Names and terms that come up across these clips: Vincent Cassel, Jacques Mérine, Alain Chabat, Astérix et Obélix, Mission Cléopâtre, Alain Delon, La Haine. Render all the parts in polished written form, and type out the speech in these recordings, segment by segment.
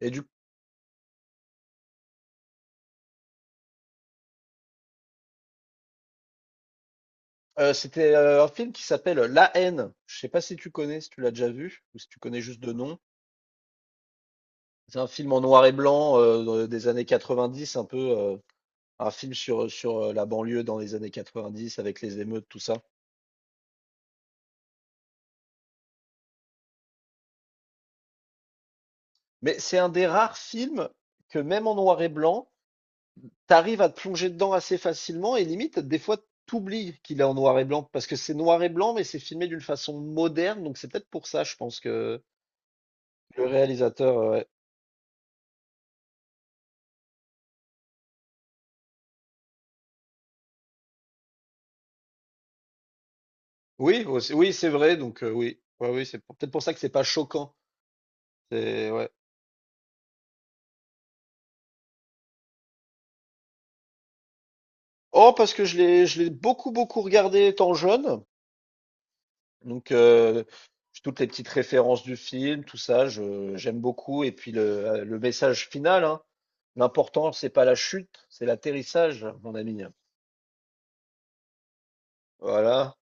Et du C'était un film qui s'appelle La Haine. Je sais pas si tu connais, si tu l'as déjà vu ou si tu connais juste de nom? C'est un film en noir et blanc, des années 90, un peu, un film sur la banlieue dans les années 90 avec les émeutes, tout ça. Mais c'est un des rares films que même en noir et blanc, t'arrives à te plonger dedans assez facilement et limite, des fois, t'oublies qu'il est en noir et blanc parce que c'est noir et blanc, mais c'est filmé d'une façon moderne, donc c'est peut-être pour ça, je pense que le réalisateur, oui, c'est vrai, oui, peut-être pour ça que c'est pas choquant. C'est ouais. Oh, parce que je l'ai beaucoup, beaucoup regardé étant jeune, donc euh, toutes les petites références du film, tout ça, j'aime beaucoup. Et puis le message final, hein. L'important, c'est pas la chute, c'est l'atterrissage, mon ami. Voilà.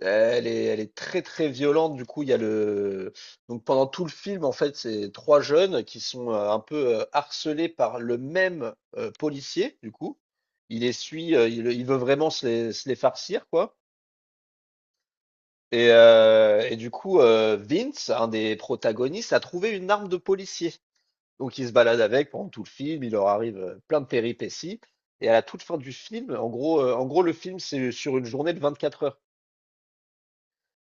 Elle est très très violente. Du coup, il y a le donc pendant tout le film, en fait, c'est trois jeunes qui sont un peu harcelés par le même policier. Du coup, il les suit, il veut vraiment se les farcir, quoi. Vince, un des protagonistes, a trouvé une arme de policier. Donc, il se balade avec pendant tout le film. Il leur arrive plein de péripéties. Et à la toute fin du film, en gros, le film, c'est sur une journée de 24 heures.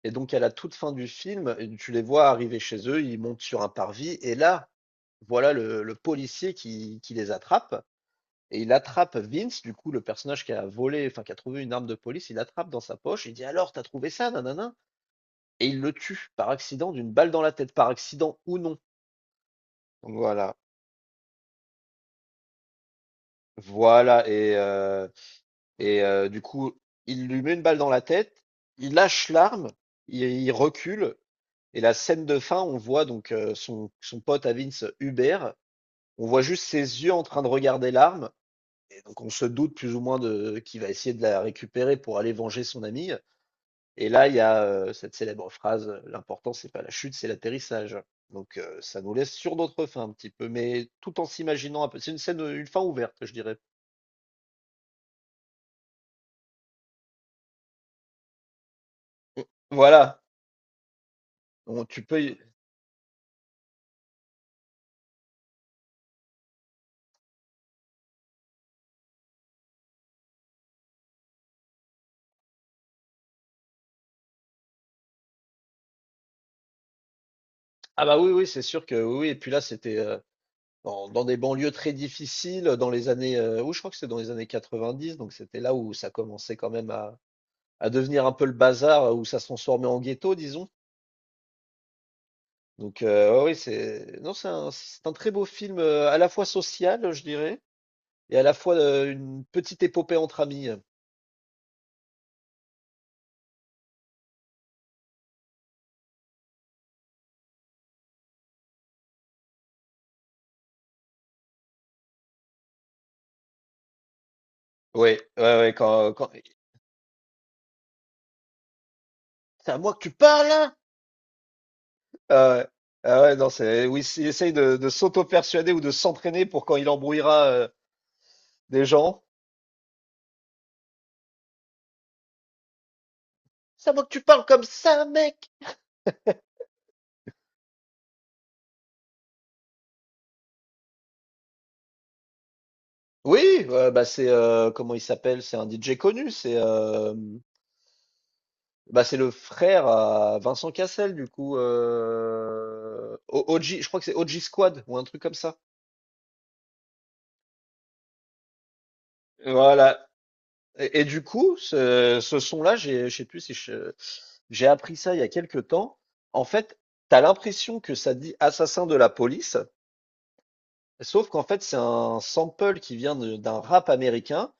Et donc à la toute fin du film, tu les vois arriver chez eux, ils montent sur un parvis et là, voilà le policier qui les attrape et il attrape Vince, du coup, le personnage qui a volé, enfin qui a trouvé une arme de police, il l'attrape dans sa poche, il dit: «Alors, t'as trouvé ça? Nanana et il le tue par accident d'une balle dans la tête, par accident ou non. Donc, voilà, voilà et heu et heu, du coup, il lui met une balle dans la tête, il lâche l'arme, il recule et la scène de fin, on voit donc, son pote à Vince, Hubert. On voit juste ses yeux en train de regarder l'arme. Et donc on se doute plus ou moins de qu'il va essayer de la récupérer pour aller venger son ami. Et là, il y a cette célèbre phrase l'important, c'est pas la chute, c'est l'atterrissage. Ça nous laisse sur notre fin un petit peu, mais tout en s'imaginant un peu. C'est une scène, une fin ouverte, je dirais. Voilà. Donc, tu peux. y- Ah bah oui, oui, c'est sûr que oui. Oui. Et puis là, dans des banlieues très difficiles, dans les années. Oui, je crois que c'est dans les années 90, donc c'était là où ça commençait quand même à devenir un peu le bazar où ça se transformait en ghetto, disons. Oui, c'est non, c'est un très beau film à la fois social, je dirais, et à la fois une petite épopée entre amis. Oui, ouais, ouais, C'est à moi que tu parles, là? Ah ouais, ah ouais, non, c'est oui, il essaye de s'auto-persuader ou de s'entraîner pour quand il embrouillera des gens. C'est à moi que tu parles comme ça, mec! Oui, ouais, bah c'est comment il s'appelle? C'est un DJ connu, c'est bah, c'est le frère à Vincent Cassel, du coup. OG, je crois que c'est OG Squad ou un truc comme ça. Voilà. Ce son-là, j'ai- je sais plus si je- j'ai appris ça il y a quelques temps. En fait, t'as l'impression que ça dit assassin de la police, sauf qu'en fait, c'est un sample d'un rap américain.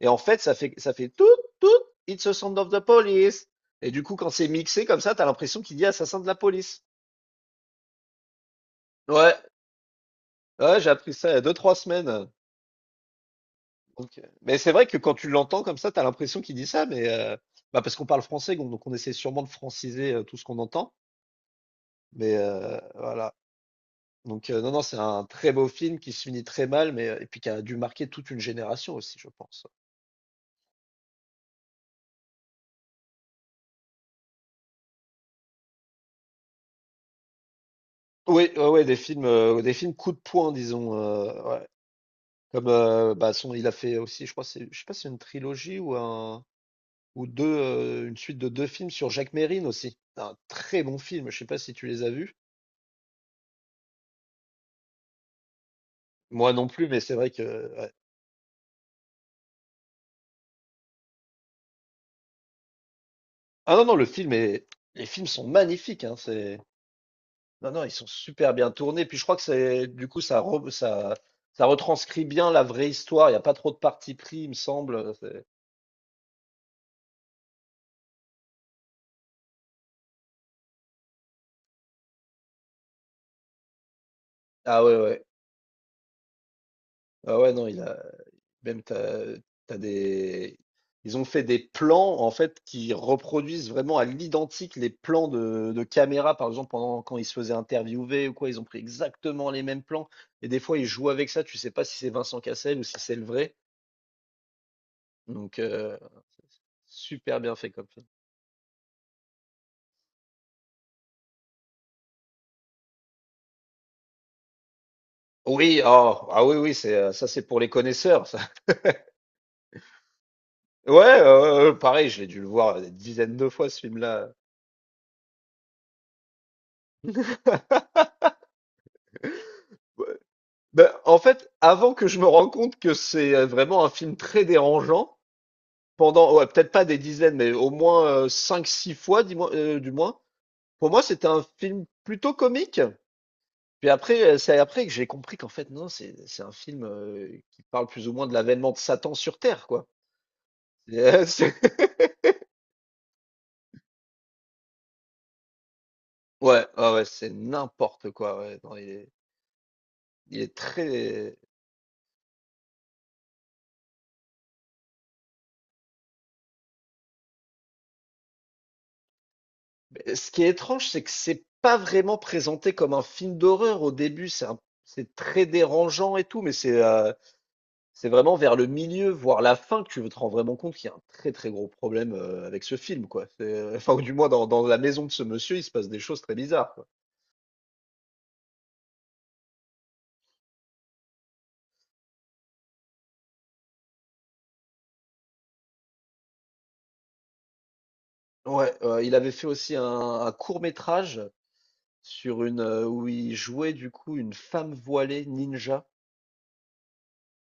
Et en fait, ça fait tout, tout, it's a sound of the police. Et du coup, quand c'est mixé comme ça, t'as l'impression qu'il dit assassin de la police. Ouais, ouais, j'ai appris ça il y a deux-trois semaines. Mais c'est vrai que quand tu l'entends comme ça, tu as l'impression qu'il dit ça, bah parce qu'on parle français, donc on essaie sûrement de franciser tout ce qu'on entend. Voilà. Non, non, c'est un très beau film qui se finit très mal, et puis qui a dû marquer toute une génération aussi, je pense. Oui, ouais, ouais, des films coup de poing, disons. Ouais. Il a fait aussi, je crois, c'est, je sais pas, si c'est une trilogie ou deux, une suite de deux films sur Jacques Mérine aussi. Un très bon film. Je sais pas si tu les as vus. Moi non plus, mais c'est vrai que ouais. Ah non, non, le film est... Les films sont magnifiques, hein, c'est... Non, non, ils sont super bien tournés. Puis je crois que c'est... ça retranscrit bien la vraie histoire. Il n'y a pas trop de parti pris, il me semble. Ah ouais, ouais. Ah ouais, non, il a... Même t'as... t'as des... Ils ont fait des plans, en fait, qui reproduisent vraiment à l'identique les plans de caméra, par exemple, pendant quand ils se faisaient interviewer ou quoi, ils ont pris exactement les mêmes plans. Et des fois, ils jouent avec ça, tu sais pas si c'est Vincent Cassel ou si c'est le vrai. Donc, euh, super bien fait comme film. Oui, ah oui, oui, c'est ça, c'est pour les connaisseurs, ça. Ouais, pareil, je l'ai dû le voir des dizaines de fois, ce film-là. Ouais. Ben, en fait, avant que je me rende compte que c'est vraiment un film très dérangeant, pendant, ouais, peut-être pas des dizaines, mais au moins cinq, six fois, dis-moi, du moins, pour moi, c'était un film plutôt comique. Puis après, c'est après que j'ai compris qu'en fait, non, c'est un film qui parle plus ou moins de l'avènement de Satan sur Terre, quoi. Ouais, ouais, ouais, c'est n'importe quoi. Ouais. Non, il est très. Mais ce qui est étrange, c'est que c'est pas vraiment présenté comme un film d'horreur au début. C'est très dérangeant et tout, c'est vraiment vers le milieu, voire la fin, que tu te rends vraiment compte qu'il y a un très très gros problème avec ce film, quoi. Enfin, ou du moins dans la maison de ce monsieur, il se passe des choses très bizarres, quoi. Ouais, il avait fait aussi un court-métrage sur une où il jouait du coup une femme voilée ninja.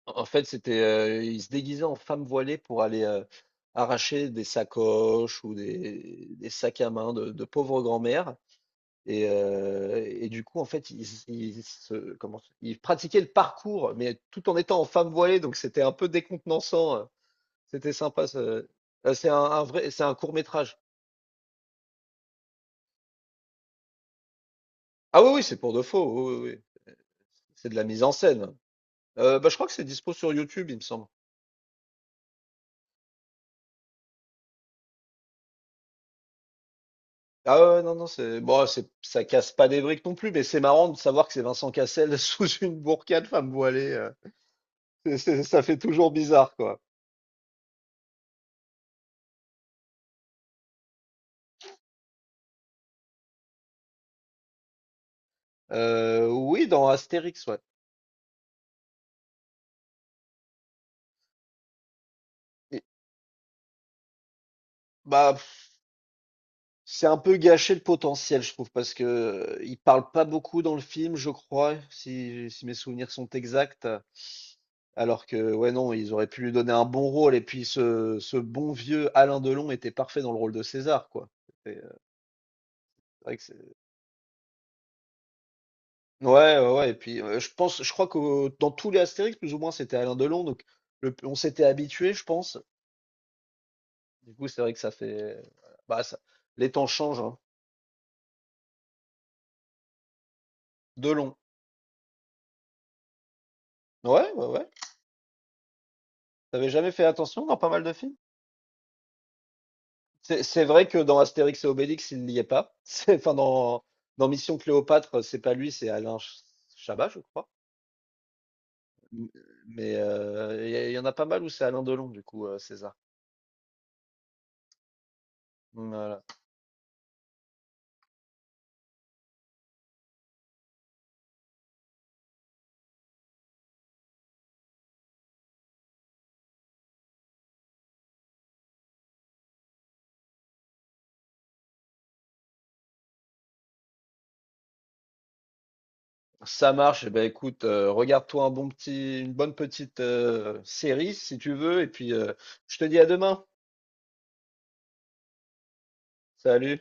En fait, ils se déguisaient en femmes voilées pour aller, arracher des sacoches ou des sacs à main de pauvres grand-mères et et du coup, en fait, ils ils se comment ils pratiquaient le parcours, mais tout en étant en femmes voilées, donc c'était un peu décontenançant, c'était sympa ce c'est un court-métrage. Ah oui, oui, c'est pour de faux, oui, oui, oui. C'est de la mise en scène. Bah, je crois que c'est dispo sur YouTube, il me semble. Ah ouais, ouais, non, non, c'est bon, c'est ça casse pas des briques non plus, mais c'est marrant de savoir que c'est Vincent Cassel sous une burqa de femme voilée. Ça fait toujours bizarre, quoi. Oui, dans Astérix, ouais. Et- Bah, pff, c'est un peu gâché le potentiel, je trouve, parce que il parle pas beaucoup dans le film, je crois, si mes souvenirs sont exacts. Alors que, ouais, non, ils auraient pu lui donner un bon rôle, et puis ce bon vieux Alain Delon était parfait dans le rôle de César, quoi. C'est vrai que ouais, ouais, ouais, et puis je crois que dans tous les Astérix, plus ou moins, c'était Alain Delon, donc le on s'était habitué, je pense. Du coup, c'est vrai que ça fait bah, ça les temps changent, hein. Delon. Ouais, ouais, ouais. Tu jamais fait attention dans pas mal de films? C'est vrai que dans Astérix et Obélix, il n'y est pas. C'est enfin dans Dans Mission Cléopâtre, c'est pas lui, c'est Alain Ch Chabat, je crois. M mais il y a Il y en a pas mal où c'est Alain Delon, du coup, César. Voilà. Ça marche. Eh ben, écoute, regarde-toi une bonne petite série si tu veux, et puis je te dis à demain. Salut.